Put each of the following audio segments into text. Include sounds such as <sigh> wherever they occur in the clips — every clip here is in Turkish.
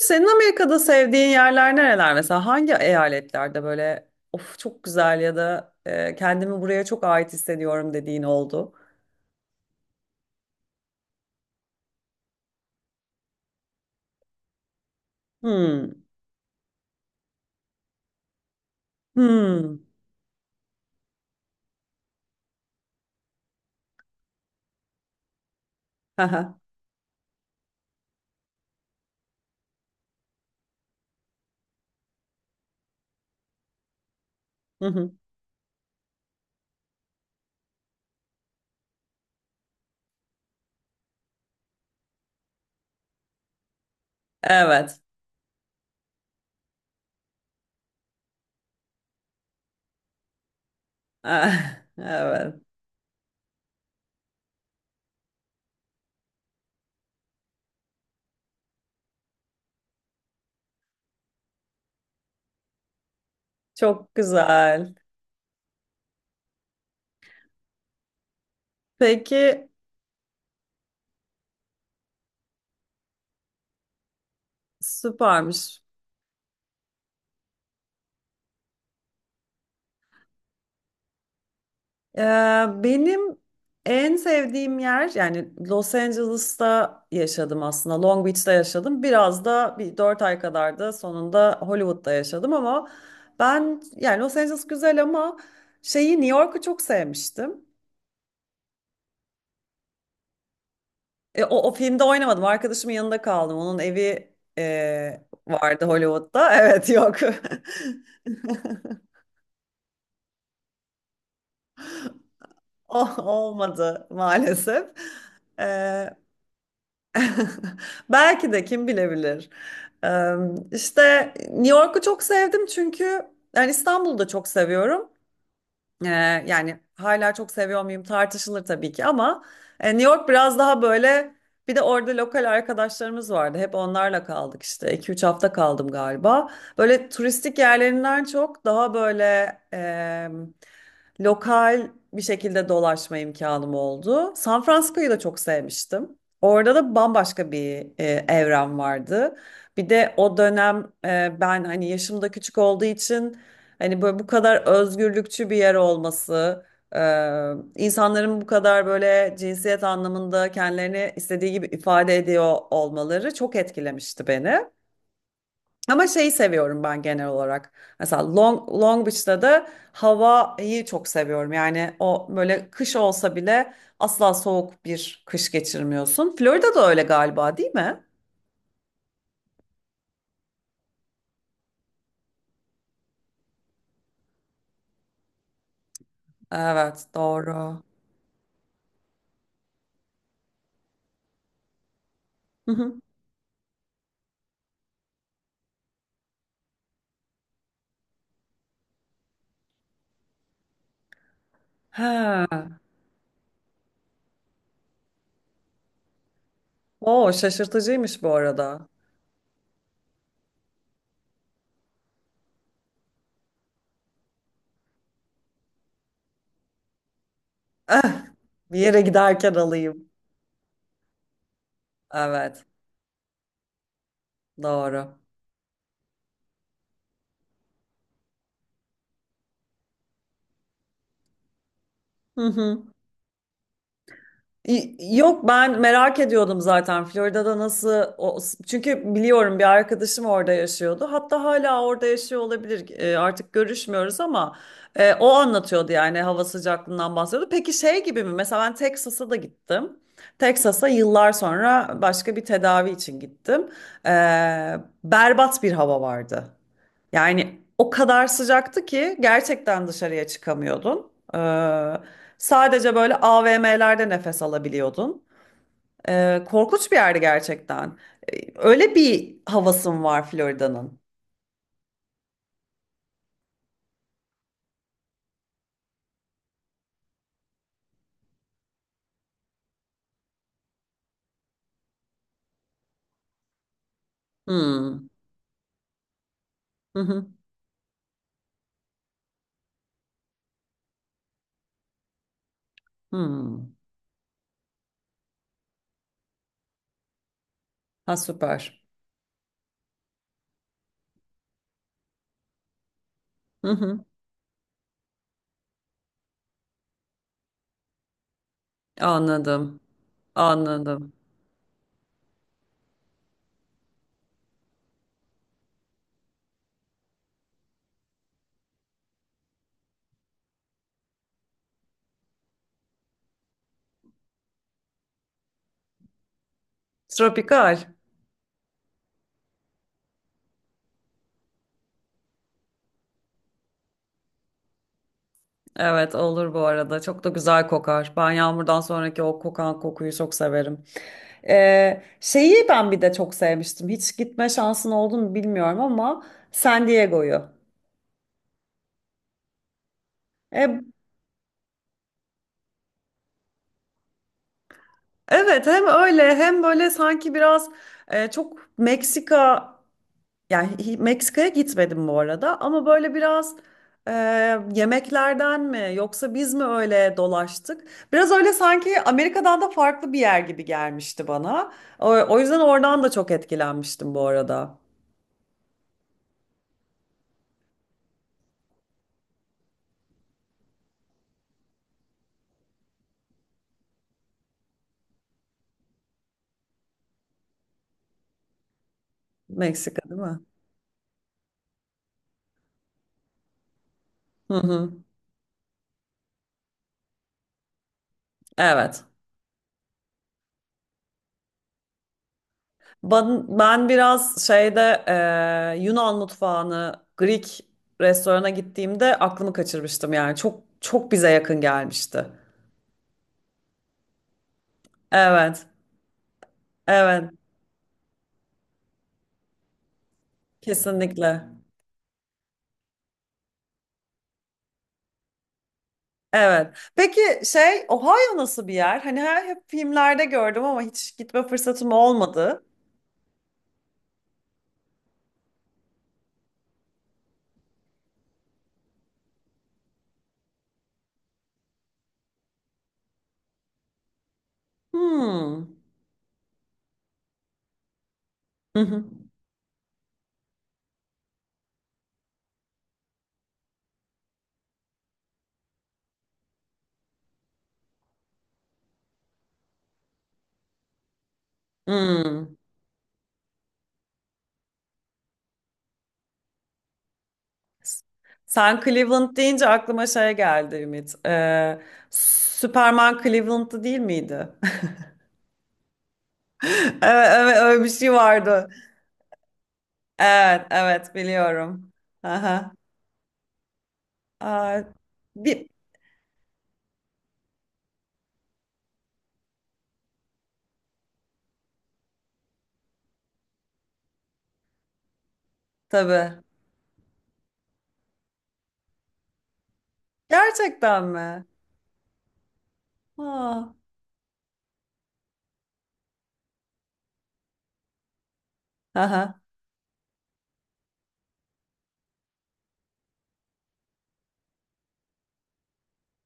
Senin Amerika'da sevdiğin yerler nereler mesela? Hangi eyaletlerde böyle of çok güzel ya da kendimi buraya çok ait hissediyorum dediğin oldu? Hmm. Hmm. Haha. Hı hı. Evet. <laughs> Evet. Çok güzel. Peki, süpermiş. Ee, benim en sevdiğim yer, yani Los Angeles'ta yaşadım, aslında Long Beach'te yaşadım biraz da, bir 4 ay kadar da sonunda Hollywood'da yaşadım ama ben, yani Los Angeles güzel ama şeyi, New York'u çok sevmiştim. O, o filmde oynamadım, arkadaşımın yanında kaldım, onun evi e, vardı Hollywood'da, evet, yok. <laughs> O- olmadı maalesef. Ee, <laughs> Belki de, kim bilebilir. Eee, İşte New York'u çok sevdim çünkü yani İstanbul'u da çok seviyorum. Yani hala çok seviyor muyum tartışılır tabii ki ama New York biraz daha böyle, bir de orada lokal arkadaşlarımız vardı. Hep onlarla kaldık, işte iki üç hafta kaldım galiba. Böyle turistik yerlerinden çok daha böyle lokal bir şekilde dolaşma imkanım oldu. San Francisco'yu da çok sevmiştim. Orada da bambaşka bir evren vardı. Bir de o dönem ben hani yaşımda küçük olduğu için, hani böyle bu kadar özgürlükçü bir yer olması, e, insanların bu kadar böyle cinsiyet anlamında kendilerini istediği gibi ifade ediyor olmaları çok etkilemişti beni. Ama şeyi seviyorum ben genel olarak. Mesela Long Beach'te de havayı çok seviyorum. Yani o böyle kış olsa bile asla soğuk bir kış geçirmiyorsun. Florida da öyle galiba, değil mi? Evet, doğru. Hı hı. Ha. Oo, şaşırtıcıymış bu arada. Eh, bir yere giderken alayım. Evet, doğru. Hı hı. Y- yok, ben merak ediyordum zaten Florida'da nasıl o, çünkü biliyorum bir arkadaşım orada yaşıyordu, hatta hala orada yaşıyor olabilir. Artık görüşmüyoruz ama o anlatıyordu, yani hava sıcaklığından bahsediyordu. Peki şey gibi mi mesela, ben Texas'a da gittim, Texas'a yıllar sonra başka bir tedavi için gittim. E, berbat bir hava vardı. Yani o kadar sıcaktı ki gerçekten dışarıya çıkamıyordun. Sadece böyle AVM'lerde nefes alabiliyordun. Korkunç bir yerdi gerçekten. Öyle bir havasım var Florida'nın. Hmm. Hı hı. Hmm. Ha, süper. Hı hı. Anladım. Anladım. Tropikal. Evet, olur bu arada. Çok da güzel kokar. Ben yağmurdan sonraki o kokan kokuyu çok severim. Şeyi ben bir de çok sevmiştim. Hiç gitme şansın oldu mu bilmiyorum ama San Diego'yu. E, evet, hem öyle hem böyle sanki biraz çok Meksika. Yani hi- Meksika'ya gitmedim bu arada ama böyle biraz e, yemeklerden mi, yoksa biz mi öyle dolaştık? Biraz öyle sanki Amerika'dan da farklı bir yer gibi gelmişti bana. O, o yüzden oradan da çok etkilenmiştim bu arada. Meksika, değil mi? Hı hı. Evet. Ben biraz şeyde Yunan mutfağını, Greek restorana gittiğimde aklımı kaçırmıştım, yani çok çok bize yakın gelmişti. Evet, evet, kesinlikle. Evet. Peki şey, Ohio nasıl bir yer? Hani her, hep filmlerde gördüm ama hiç gitme fırsatım olmadı. Hmm. Hı hı. Hmm. Sen Cleveland deyince aklıma şey geldi, Ümit. Superman Cleveland'da değil miydi? <laughs> Evet, evet, öyle bir şey vardı. Evet, evet, biliyorum. Aha. Aa, bir tabii. Gerçekten mi? Ha. Aha.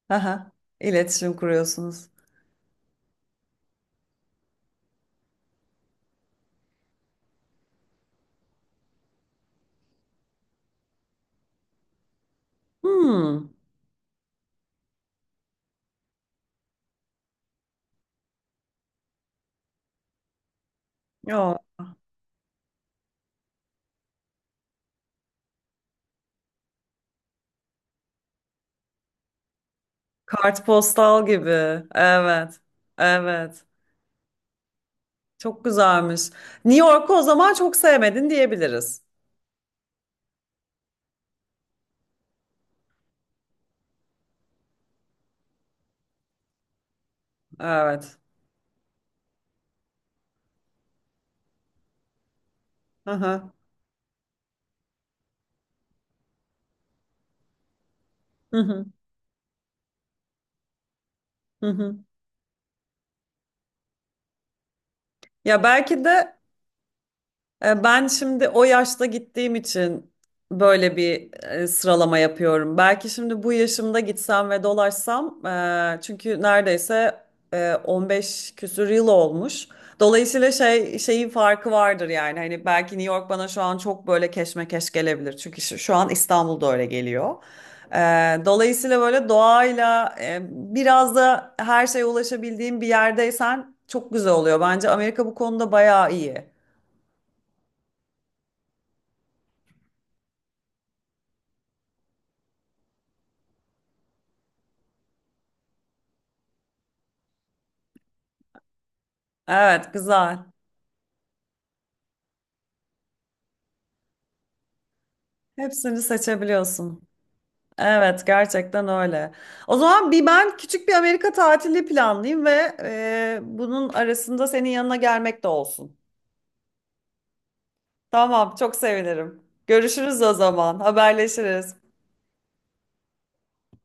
Aha. İletişim kuruyorsunuz. Hmm. Ya, kartpostal gibi. Evet. Evet. Çok güzelmiş. New York'u o zaman çok sevmedin diyebiliriz. Evet. Hı. Hı hı. Hı hı. Ya belki de. Ben şimdi o yaşta gittiğim için böyle bir sıralama yapıyorum. Belki şimdi bu yaşımda gitsem ve dolaşsam, çünkü neredeyse 15 küsür yıl olmuş. Dolayısıyla şey, şeyin farkı vardır yani. Hani belki New York bana şu an çok böyle keşmekeş gelebilir. Çünkü şu an İstanbul'da öyle geliyor. E, dolayısıyla böyle doğayla biraz da her şeye ulaşabildiğim bir yerdeysen çok güzel oluyor. Bence Amerika bu konuda bayağı iyi. Evet, güzel. Hepsini seçebiliyorsun. Evet, gerçekten öyle. O zaman bir, ben küçük bir Amerika tatili planlayayım ve bunun arasında senin yanına gelmek de olsun. Tamam, çok sevinirim. Görüşürüz o zaman. Haberleşiriz.